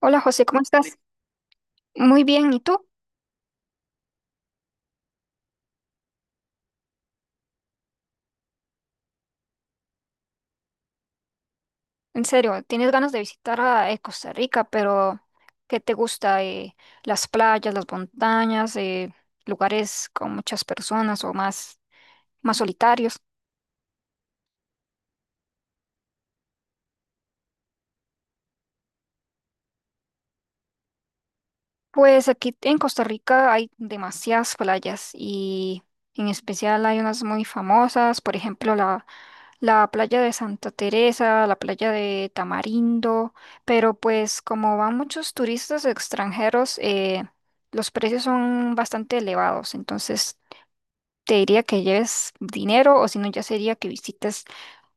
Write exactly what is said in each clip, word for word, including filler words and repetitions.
Hola José, ¿cómo estás? Muy bien, ¿y tú? En serio, tienes ganas de visitar a eh, Costa Rica, pero ¿qué te gusta? Eh, las playas, las montañas, eh, lugares con muchas personas o más, más solitarios. Pues aquí en Costa Rica hay demasiadas playas y en especial hay unas muy famosas, por ejemplo la la playa de Santa Teresa, la playa de Tamarindo, pero pues como van muchos turistas extranjeros, eh, los precios son bastante elevados, entonces te diría que lleves dinero o si no ya sería que visites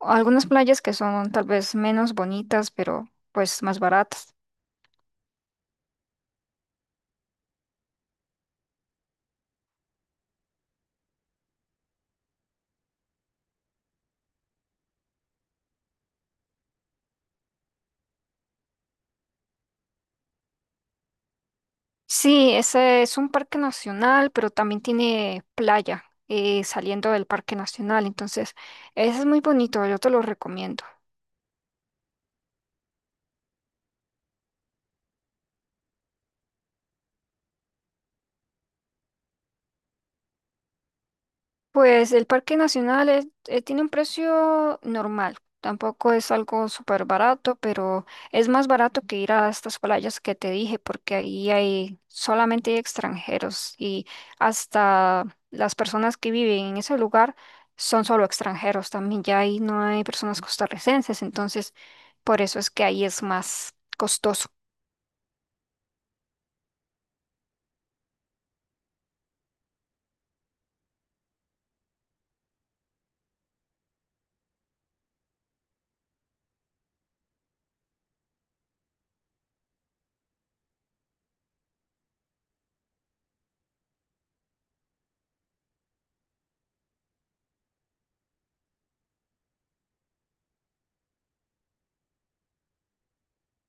algunas playas que son tal vez menos bonitas, pero pues más baratas. Sí, ese es un parque nacional, pero también tiene playa eh, saliendo del parque nacional, entonces ese es muy bonito, yo te lo recomiendo. Pues el Parque Nacional es- eh, tiene un precio normal, tampoco es algo súper barato, pero es más barato que ir a estas playas que te dije, porque ahí hay solamente hay extranjeros y hasta las personas que viven en ese lugar son solo extranjeros también, ya ahí no hay personas costarricenses, entonces por eso es que ahí es más costoso.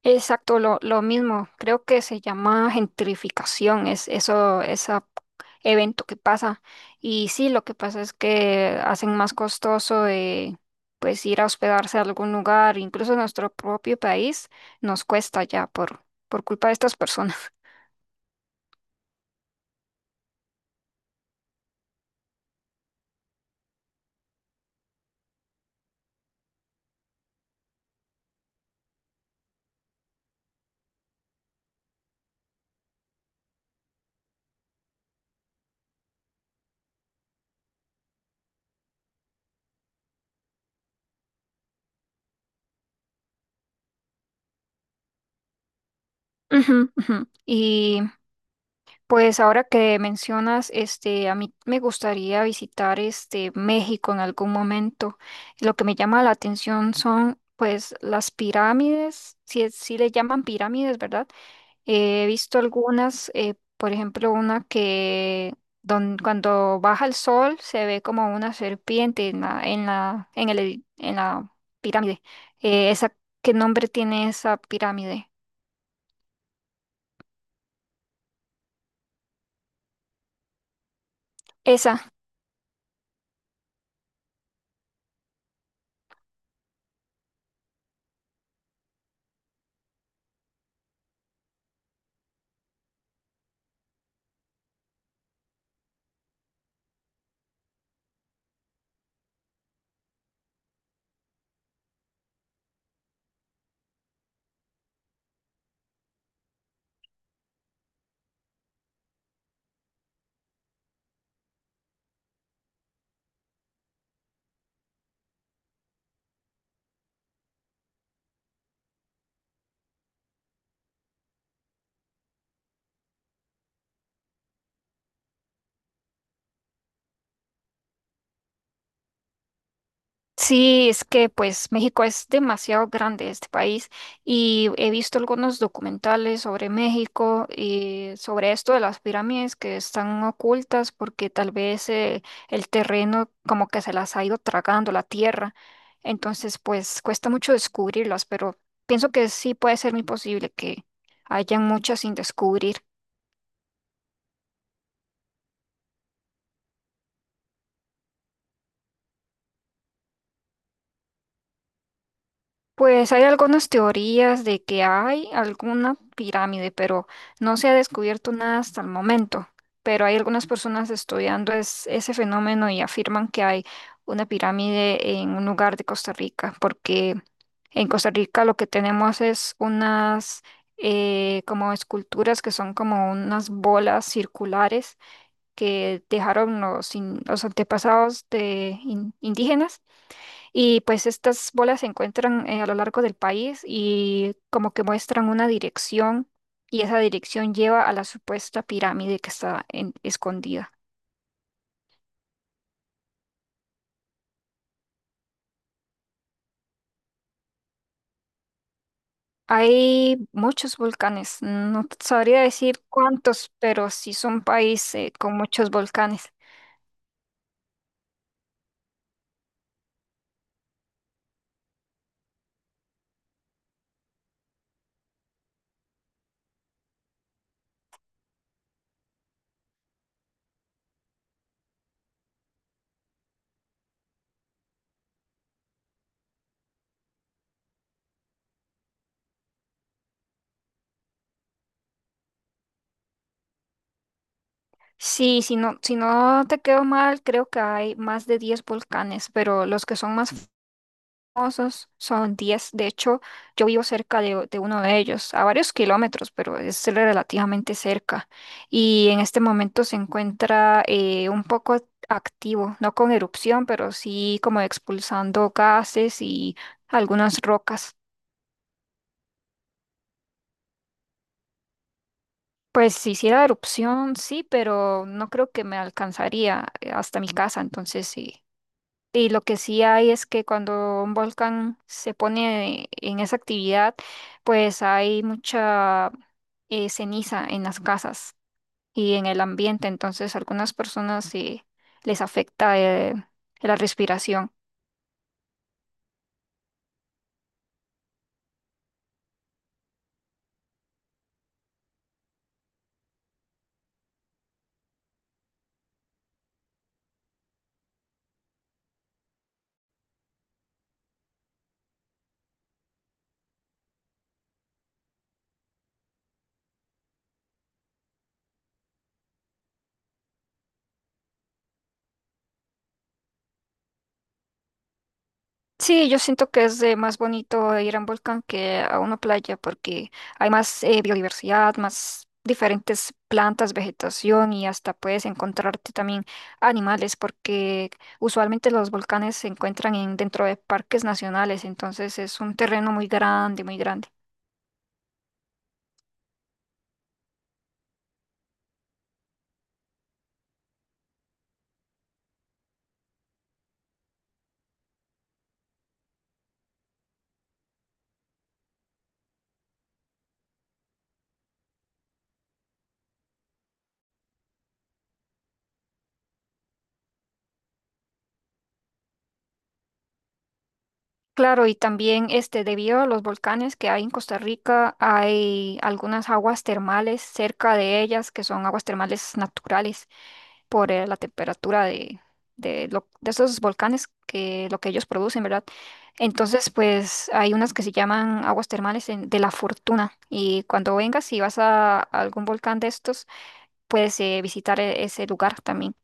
Exacto, lo, lo mismo. Creo que se llama gentrificación, es eso, ese evento que pasa. Y sí, lo que pasa es que hacen más costoso eh, pues ir a hospedarse a algún lugar, incluso en nuestro propio país, nos cuesta ya por, por culpa de estas personas. Ujú, ujú. Y Pues ahora que mencionas, este, a mí me gustaría visitar este México en algún momento. Lo que me llama la atención son, pues, las pirámides, si, es- si le llaman pirámides, ¿verdad? Eh, he visto algunas, eh, por ejemplo, una que don- cuando baja el sol se ve como una serpiente en la, en la, en el edi- en la pirámide. Eh, esa, ¿Qué nombre tiene esa pirámide? Sí, es que pues México es demasiado grande este país y he visto algunos documentales sobre México y sobre esto de las pirámides que están ocultas porque tal vez eh, el terreno como que se las ha ido tragando la tierra. Entonces pues cuesta mucho descubrirlas, pero pienso que sí puede ser muy posible que hayan muchas sin descubrir. Pues hay algunas teorías de que hay alguna pirámide, pero no se ha descubierto nada hasta el momento. Pero hay algunas personas estudiando es- ese fenómeno y afirman que hay una pirámide en un lugar de Costa Rica, porque en Costa Rica lo que tenemos es unas eh, como esculturas que son como unas bolas circulares que dejaron los, in- los antepasados de in- indígenas y pues estas bolas se encuentran eh, a lo largo del país y como que muestran una dirección y esa dirección lleva a la supuesta pirámide que está en- escondida. Hay muchos volcanes, no te sabría decir cuántos, pero sí son países eh, con muchos volcanes. Sí, si no, si no te quedo mal, creo que hay más de diez volcanes, pero los que son más famosos, son diez. De hecho, yo vivo cerca de, de uno de ellos, a varios kilómetros, pero es relativamente cerca. Y en este momento se encuentra eh, un poco activo, no con erupción, pero sí como expulsando gases y algunas rocas. Pues si hiciera erupción, sí, pero no creo que me alcanzaría eh, hasta mi casa, entonces sí. Y lo que sí hay es que cuando un volcán se pone en esa actividad, pues hay mucha eh, ceniza en las casas y en el ambiente. Entonces, algunas personas sí les afecta eh, la respiración. Sí, yo siento que es eh, más bonito ir a un volcán que a una playa porque hay más eh, biodiversidad, más diferentes plantas, vegetación y hasta puedes encontrarte también animales porque usualmente los volcanes se encuentran en, dentro de parques nacionales, entonces es un terreno muy grande, muy grande. Claro, y también este, debido a los volcanes que hay en Costa Rica, hay algunas aguas termales cerca de ellas que son aguas termales naturales. Por eh, la temperatura de, de, lo- de esos volcanes que lo que ellos producen, ¿verdad? Entonces, pues hay unas que se llaman aguas termales en- de la fortuna y cuando vengas y vas a algún volcán de estos, puedes eh, visitar e- ese lugar también.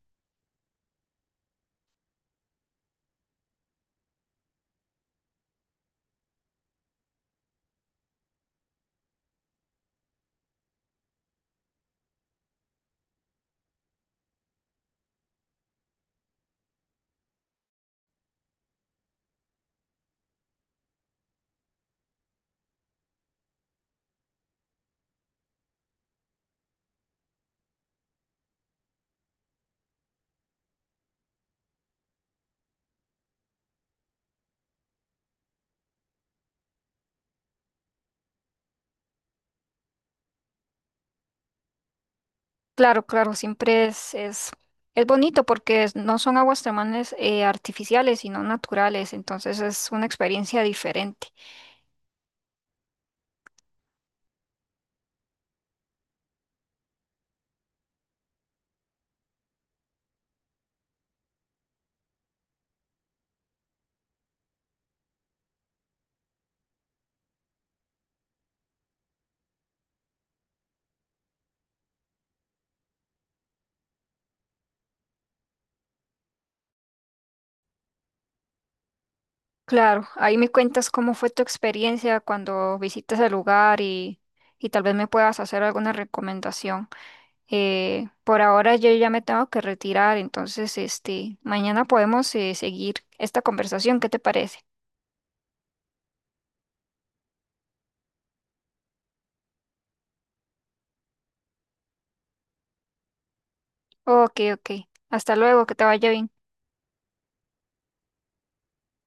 Claro, claro, siempre es, es, es bonito porque es- no son aguas termales eh, artificiales, sino naturales, entonces es una experiencia diferente. Claro, ahí me cuentas cómo fue tu experiencia cuando visitas el lugar y, y tal vez me puedas hacer alguna recomendación. Eh, por ahora yo ya me tengo que retirar, entonces este, mañana podemos eh, seguir esta conversación, ¿qué te parece? Ok, ok. Hasta luego, que te vaya bien.